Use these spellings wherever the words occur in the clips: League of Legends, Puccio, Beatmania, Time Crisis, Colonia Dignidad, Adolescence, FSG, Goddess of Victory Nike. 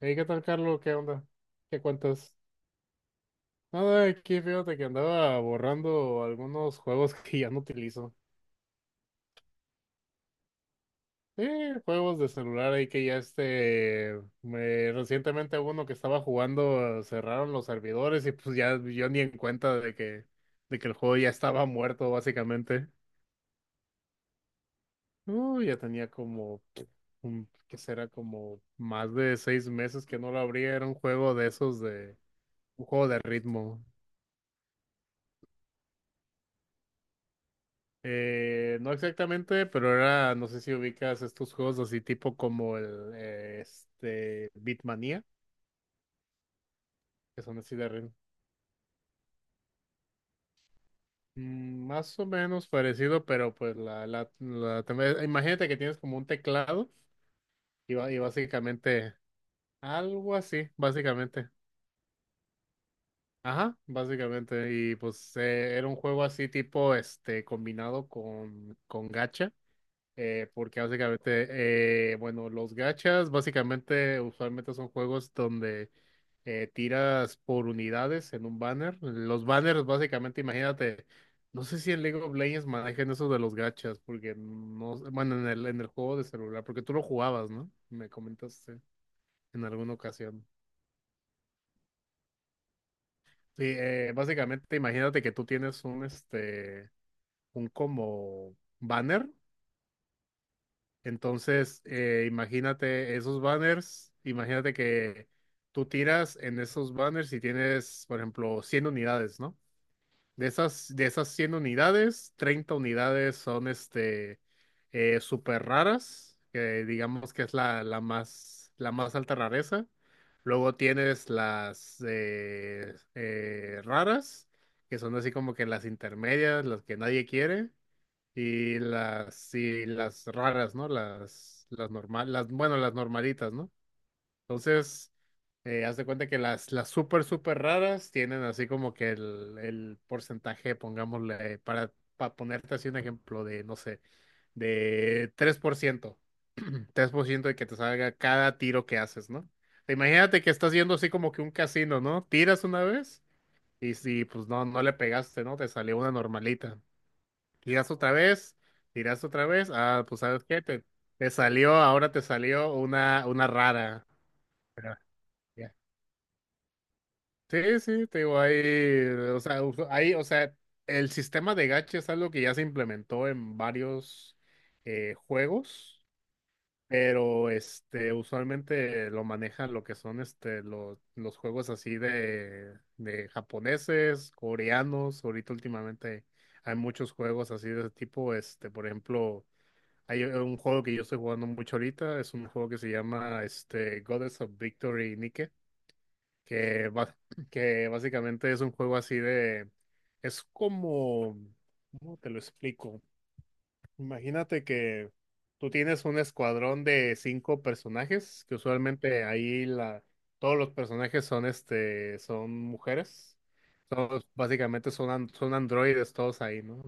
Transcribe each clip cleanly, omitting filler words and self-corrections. Hey, ¿qué tal, Carlos? ¿Qué onda? ¿Qué cuentas? Nada, aquí fíjate que andaba borrando algunos juegos que ya no utilizo. Sí, juegos de celular ahí que ya recientemente uno que estaba jugando cerraron los servidores y pues ya yo ni en cuenta de que el juego ya estaba muerto básicamente. Ya tenía como, ¿qué será? Como más de 6 meses que no lo abría. Era un juego de esos de, un juego de ritmo. No exactamente, pero era, no sé si ubicas estos juegos así tipo como el Beatmania, que son así de ritmo. Más o menos parecido, pero pues imagínate que tienes como un teclado y básicamente algo así, básicamente. Ajá, básicamente. Y pues era un juego así tipo combinado con gacha. Porque básicamente, bueno, los gachas básicamente usualmente son juegos donde tiras por unidades en un banner. Los banners básicamente, imagínate, no sé si en League of Legends manejan eso de los gachas, porque no, sé- bueno, en el juego de celular, porque tú lo jugabas, ¿no? Me comentaste en alguna ocasión. Sí, básicamente imagínate que tú tienes un como banner. Entonces, imagínate esos banners, imagínate que tú tiras en esos banners y tienes, por ejemplo, 100 unidades, ¿no? De esas 100 unidades, 30 unidades son súper raras, que digamos que es la, la más alta rareza. Luego tienes las raras, que son así como que las intermedias, las que nadie quiere. Y las raras, ¿no? Las normal, las, bueno, las normalitas, ¿no? Entonces, haz de cuenta que las súper, súper raras tienen así como que el porcentaje, pongámosle, para ponerte así un ejemplo de, no sé, de tres por ciento 3% de que te salga cada tiro que haces, ¿no? Imagínate que estás yendo así como que un casino, ¿no? Tiras una vez y pues no, no le pegaste, ¿no? Te salió una normalita. Tiras otra vez, tiras otra vez. Ah, pues ¿sabes qué? Te salió, ahora te salió una rara. Pero, ya. Sí, sí, te digo, ahí, o sea, el sistema de gacha es algo que ya se implementó en varios juegos, pero usualmente lo manejan lo que son los juegos así de japoneses, coreanos, ahorita últimamente hay muchos juegos así de ese tipo, por ejemplo. Hay un juego que yo estoy jugando mucho ahorita, es un juego que se llama Goddess of Victory Nike, que, ba- que básicamente es un juego así de... Es como... ¿Cómo te lo explico? Imagínate que tú tienes un escuadrón de cinco personajes, que usualmente todos los personajes son mujeres. Todos, básicamente son androides todos ahí, ¿no?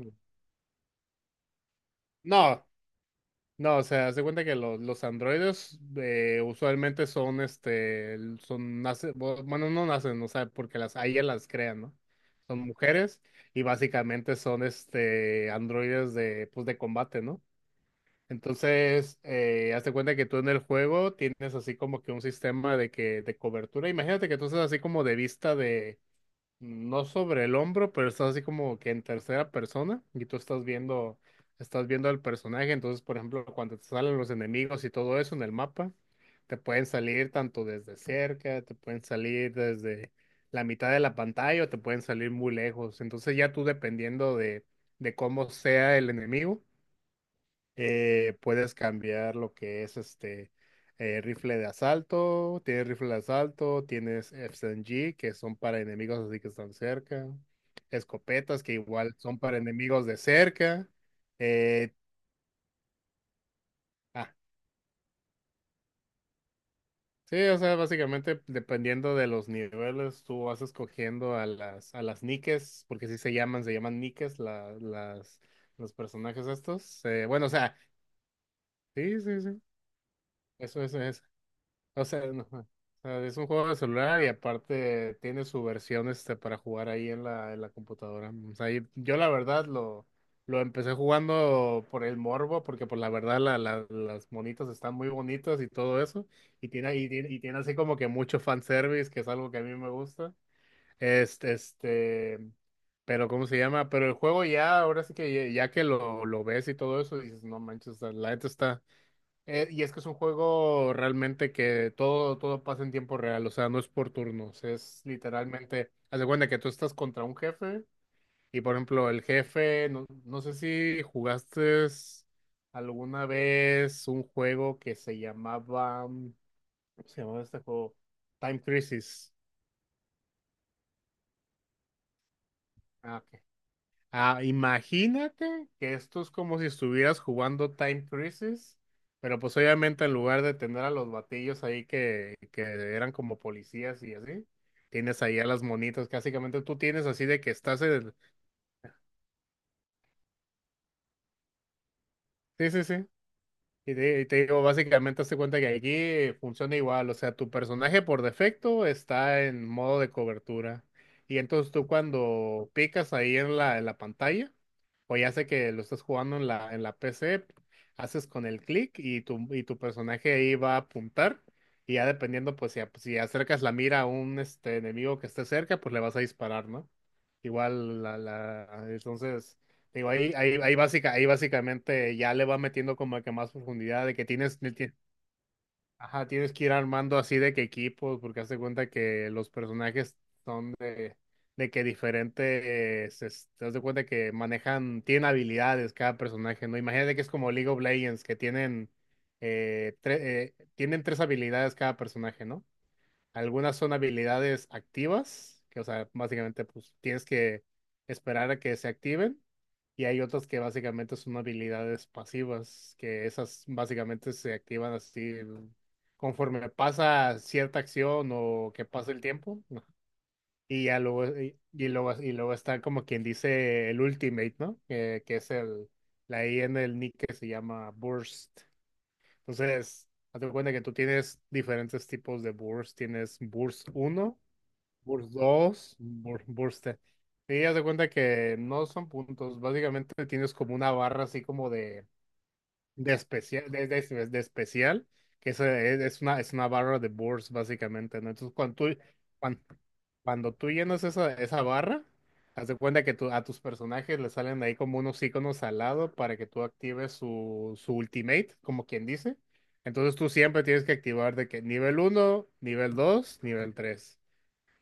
No, no, o sea, haz de cuenta que los androides usualmente son, este, son, nace, bu- bueno, no nacen, o sea, porque a ellas las crean, ¿no? Son mujeres y básicamente son, androides pues, de combate, ¿no? Entonces, haz de cuenta que tú en el juego tienes así como que un sistema de cobertura. Imagínate que tú estás así como de vista no sobre el hombro, pero estás así como que en tercera persona y tú estás viendo al personaje. Entonces, por ejemplo, cuando te salen los enemigos y todo eso en el mapa, te pueden salir tanto desde cerca, te pueden salir desde la mitad de la pantalla o te pueden salir muy lejos. Entonces, ya tú dependiendo de cómo sea el enemigo. Puedes cambiar lo que es rifle de asalto, tienes rifle de asalto, tienes FSG que son para enemigos así que están cerca, escopetas que igual son para enemigos de cerca. eh, ah, sí, o sea, básicamente dependiendo de los niveles, tú vas escogiendo a las niques, porque así se llaman niques los personajes estos. Bueno, o sea, sí, sí, sí. Eso es, o sea, no, o sea, es un juego de celular y aparte tiene su versión para jugar ahí en la computadora. O sea, y yo la verdad lo empecé jugando por el morbo, porque por la verdad las monitas están muy bonitas y todo eso. Y tiene así como que mucho fanservice, que es algo que a mí me gusta. Este, este, pero ¿cómo se llama? Pero el juego ya, ahora sí que ya, ya que lo ves y todo eso, dices, no manches, o sea, la gente está. Y es que es un juego realmente que todo, todo pasa en tiempo real, o sea, no es por turnos, es literalmente, haz de cuenta que tú estás contra un jefe y por ejemplo el jefe, no, no sé si jugaste alguna vez un juego que se llamaba, ¿cómo se llamaba este juego? Time Crisis. Ah, ok. Ah, imagínate que esto es como si estuvieras jugando Time Crisis, pero pues obviamente en lugar de tener a los batillos ahí que eran como policías y así, tienes ahí a las monitas, que básicamente tú tienes así de que estás en el... Sí, sí, sí. Y te digo, básicamente hazte cuenta que aquí funciona igual, o sea, tu personaje por defecto está en modo de cobertura. Y entonces tú cuando picas ahí en la pantalla, o ya sé que lo estás jugando en la PC, haces con el clic y tu personaje ahí va a apuntar. Y ya dependiendo, pues si acercas la mira a un enemigo que esté cerca, pues le vas a disparar, ¿no? Igual, entonces... Digo, ahí básicamente ya le va metiendo como que más profundidad de que tienes, ajá, tienes que ir armando así de que equipos, porque hazte cuenta que los personajes son de que diferentes, te das de cuenta que manejan, tienen habilidades cada personaje, ¿no? Imagínate que es como League of Legends, tienen tres habilidades cada personaje, ¿no? Algunas son habilidades activas, que o sea, básicamente pues tienes que esperar a que se activen y hay otras que básicamente son habilidades pasivas, que esas básicamente se activan así conforme pasa cierta acción o que pasa el tiempo, ¿no? Y ya luego, y luego está como quien dice el Ultimate, ¿no? Que es el, la I en el nick que se llama Burst. Entonces, hazte cuenta que tú tienes diferentes tipos de Burst. Tienes Burst uno, Burst 2, Burst T. Sí, haz de cuenta que no son puntos. Básicamente tienes como una barra así como de especial, de especial, que es una barra de Burst, básicamente, ¿no? Entonces, cuando tú, cuan- cuando, tú llenas esa barra, haz de cuenta que a tus personajes le salen ahí como unos iconos al lado para que tú actives su ultimate, como quien dice. Entonces tú siempre tienes que activar de que nivel uno, nivel 2, nivel 3.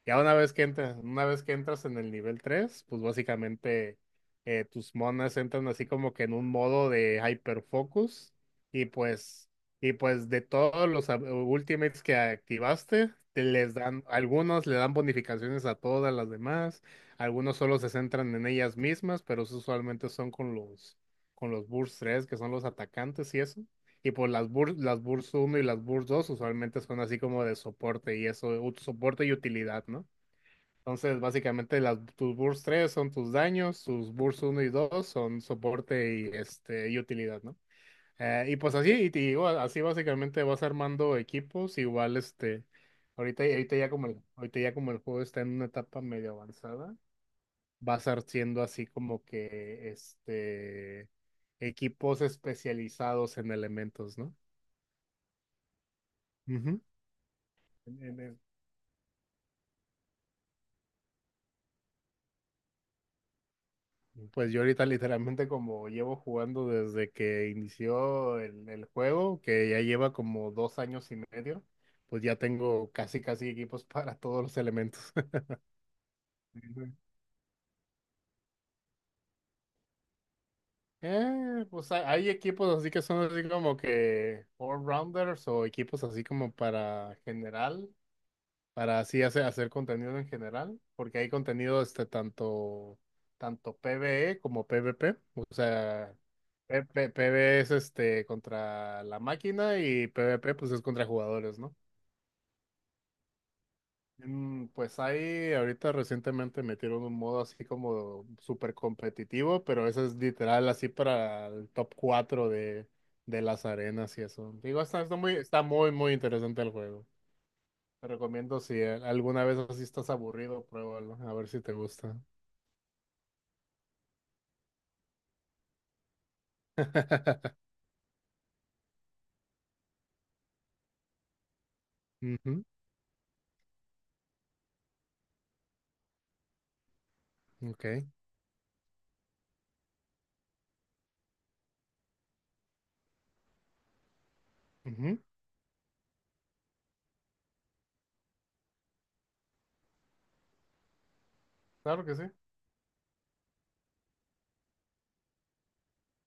Ya una vez que entras en el nivel 3 pues básicamente tus monas entran así como que en un modo de hyperfocus y pues de todos los ultimates que activaste, te les dan algunos le dan bonificaciones a todas las demás, algunos solo se centran en ellas mismas, pero eso usualmente son con los burst 3 que son los atacantes y eso. Tipo, las burs uno y las burs 2 usualmente son así como de soporte y eso, soporte y utilidad, ¿no? Entonces, básicamente las, tus burs 3 son tus daños, tus burs uno y 2 son soporte y utilidad, ¿no? Y pues así, y te digo, así básicamente vas armando equipos, igual ahorita ya como el juego está en una etapa medio avanzada, vas haciendo así como que equipos especializados en elementos, ¿no? Ujú. en el- Pues yo ahorita literalmente como llevo jugando desde que inició el juego, que ya lleva como 2 años y medio, pues ya tengo casi casi equipos para todos los elementos. Ujú. Pues hay equipos así que son así como que all-rounders o equipos así como para general, para así hacer contenido en general, porque hay contenido tanto, tanto PvE como PvP, o sea, PvE es contra la máquina y PvP pues es contra jugadores, ¿no? Pues ahí ahorita recientemente metieron un modo así como súper competitivo, pero eso es literal así para el top 4 de las arenas y eso. Digo, está muy, muy interesante el juego. Te recomiendo si alguna vez así estás aburrido, pruébalo, a ver si te gusta. Ujú, ok. Ujú, claro que sí.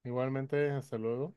Igualmente, hasta luego.